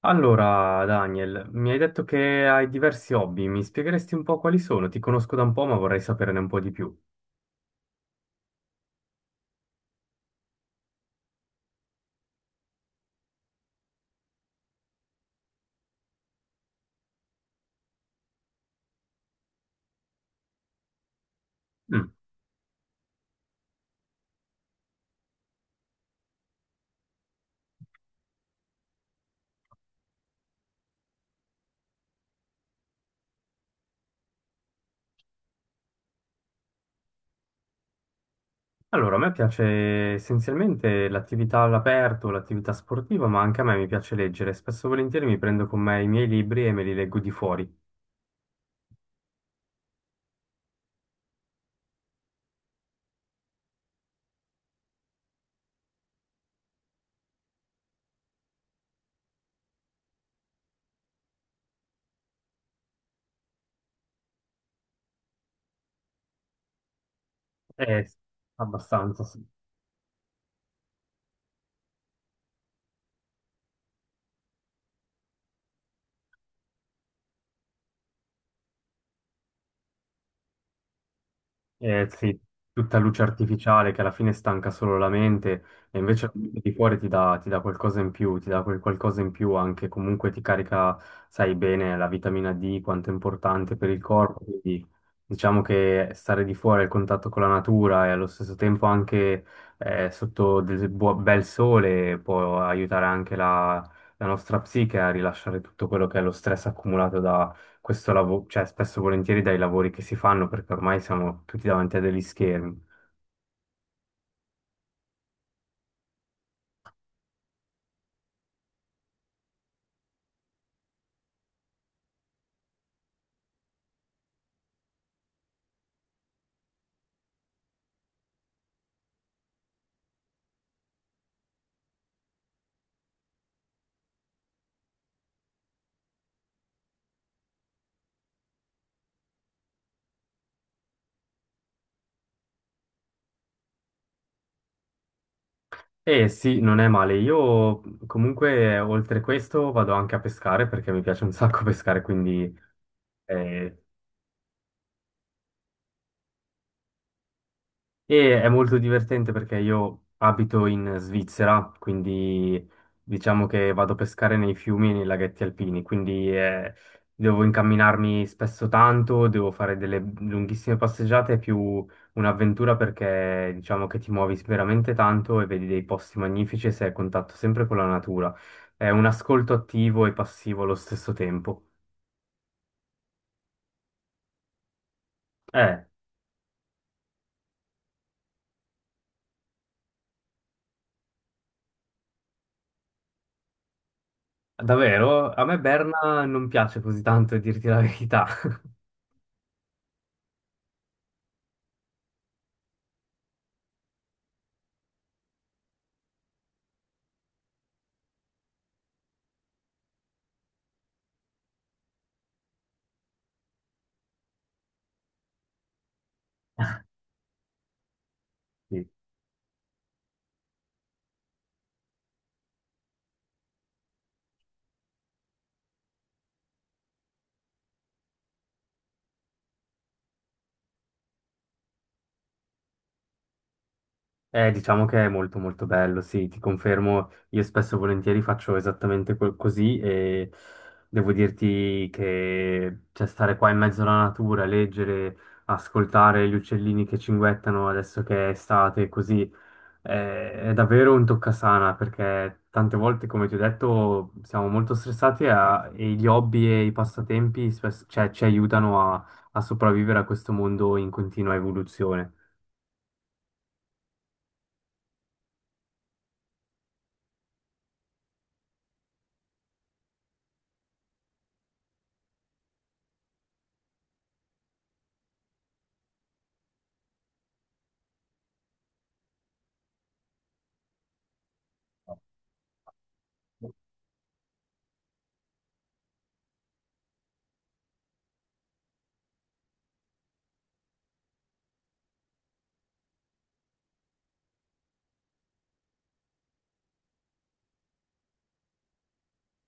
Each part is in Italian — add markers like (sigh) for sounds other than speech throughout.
Allora, Daniel, mi hai detto che hai diversi hobby, mi spiegheresti un po' quali sono? Ti conosco da un po', ma vorrei saperne un po' di più. Mm. Allora, a me piace essenzialmente l'attività all'aperto, l'attività sportiva, ma anche a me mi piace leggere. Spesso e volentieri mi prendo con me i miei libri e me li leggo di fuori. Eh, abbastanza, sì. Eh, sì, tutta luce artificiale che alla fine stanca solo la mente, e invece la luce di fuori ti dà qualcosa in più, ti dà quel qualcosa in più anche, comunque ti carica, sai bene, la vitamina D, quanto è importante per il corpo. Quindi diciamo che stare di fuori al contatto con la natura e allo stesso tempo anche sotto del bel sole può aiutare anche la nostra psiche a rilasciare tutto quello che è lo stress accumulato questo lavoro, cioè spesso e volentieri dai lavori che si fanno, perché ormai siamo tutti davanti a degli schermi. E sì, non è male. Io comunque oltre questo vado anche a pescare perché mi piace un sacco (laughs) pescare, quindi eh, è molto divertente perché io abito in Svizzera, quindi diciamo che vado a pescare nei fiumi e nei laghetti alpini, quindi devo incamminarmi spesso tanto, devo fare delle lunghissime passeggiate, è più un'avventura perché diciamo che ti muovi veramente tanto e vedi dei posti magnifici e sei a contatto sempre con la natura. È un ascolto attivo e passivo allo stesso tempo. Eh, davvero? A me Berna non piace così tanto, a dirti la verità. (laughs) Sì. Diciamo che è molto molto bello, sì, ti confermo, io spesso e volentieri faccio esattamente così, e devo dirti che cioè, stare qua in mezzo alla natura, leggere, ascoltare gli uccellini che cinguettano adesso che è estate, così è davvero un toccasana, perché tante volte, come ti ho detto, siamo molto stressati e gli hobby e i passatempi cioè, ci aiutano a sopravvivere a questo mondo in continua evoluzione.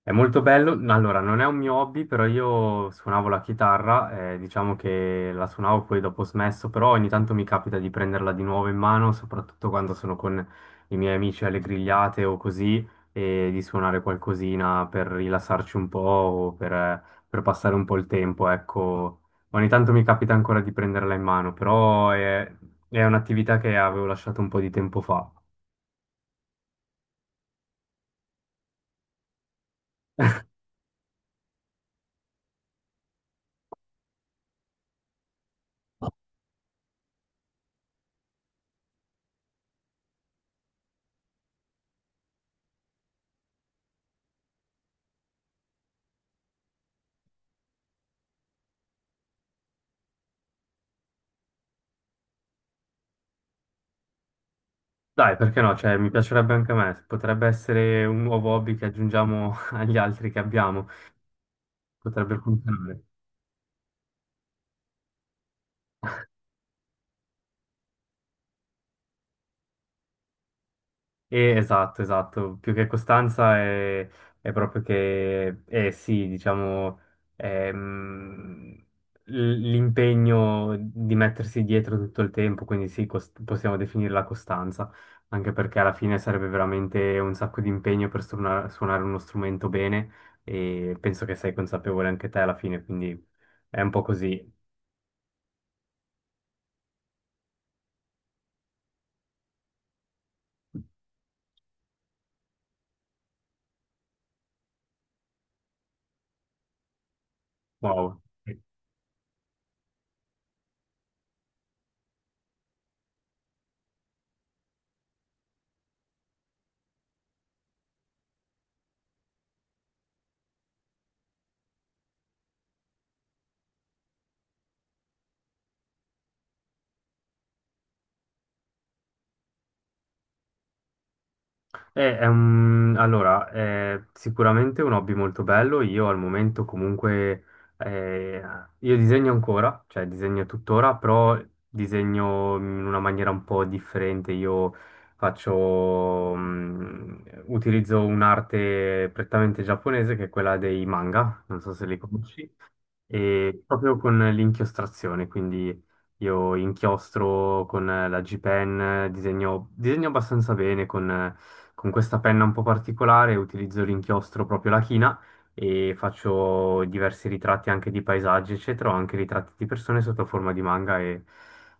È molto bello, allora non è un mio hobby, però io suonavo la chitarra, diciamo che la suonavo, poi dopo ho smesso, però ogni tanto mi capita di prenderla di nuovo in mano, soprattutto quando sono con i miei amici alle grigliate o così, e di suonare qualcosina per rilassarci un po' per passare un po' il tempo, ecco. Ogni tanto mi capita ancora di prenderla in mano, è un'attività che avevo lasciato un po' di tempo fa. Dai, perché no? Cioè, mi piacerebbe anche a me. Potrebbe essere un nuovo hobby che aggiungiamo (laughs) agli altri che abbiamo. Potrebbe funzionare. Esatto, esatto, più che costanza è proprio che, sì, diciamo, ehm, l'impegno di mettersi dietro tutto il tempo, quindi sì, possiamo definire la costanza, anche perché alla fine sarebbe veramente un sacco di impegno per suonare uno strumento bene, e penso che sei consapevole anche te alla fine, quindi è un po' così. Wow. Allora, è sicuramente un hobby molto bello. Io al momento comunque eh, io disegno ancora, cioè disegno tuttora, però disegno in una maniera un po' differente. Io faccio, mm, utilizzo un'arte prettamente giapponese che è quella dei manga, non so se li conosci, e proprio con l'inchiostrazione. Quindi io inchiostro con la G-Pen, disegno, disegno abbastanza bene con questa penna un po' particolare, utilizzo l'inchiostro proprio la china, e faccio diversi ritratti anche di paesaggi, eccetera, o anche ritratti di persone sotto forma di manga, e,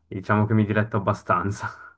e diciamo che mi diletto abbastanza.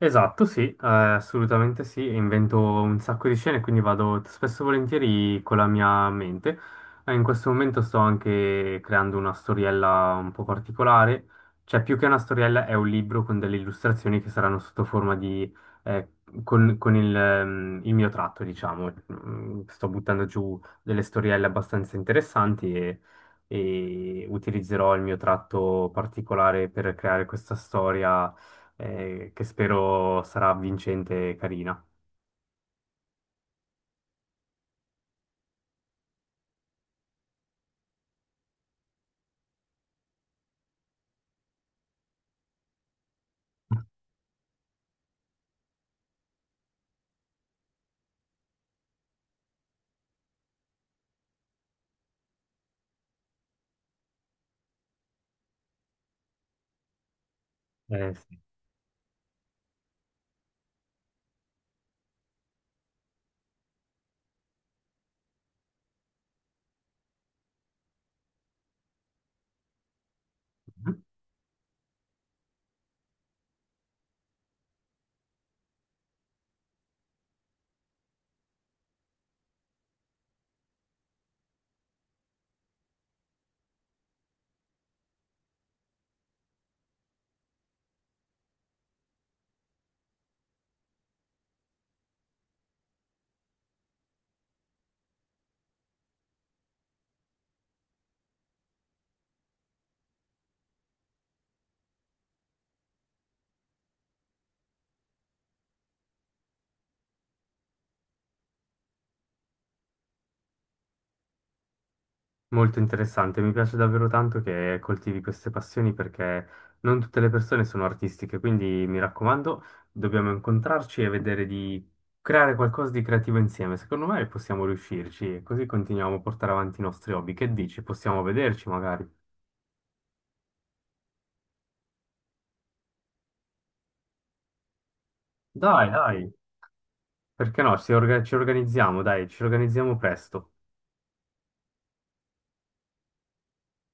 Esatto, sì, assolutamente sì, invento un sacco di scene, quindi vado spesso e volentieri con la mia mente. In questo momento sto anche creando una storiella un po' particolare, cioè più che una storiella è un libro con delle illustrazioni che saranno sotto forma di... eh, con il mio tratto, diciamo. Mm, sto buttando giù delle storielle abbastanza interessanti, e utilizzerò il mio tratto particolare per creare questa storia, che spero sarà vincente e carina. Sì. Molto interessante, mi piace davvero tanto che coltivi queste passioni, perché non tutte le persone sono artistiche, quindi mi raccomando, dobbiamo incontrarci e vedere di creare qualcosa di creativo insieme. Secondo me possiamo riuscirci e così continuiamo a portare avanti i nostri hobby. Che dici? Possiamo vederci magari? Dai, dai, perché no? Ci organizziamo, dai, ci organizziamo presto.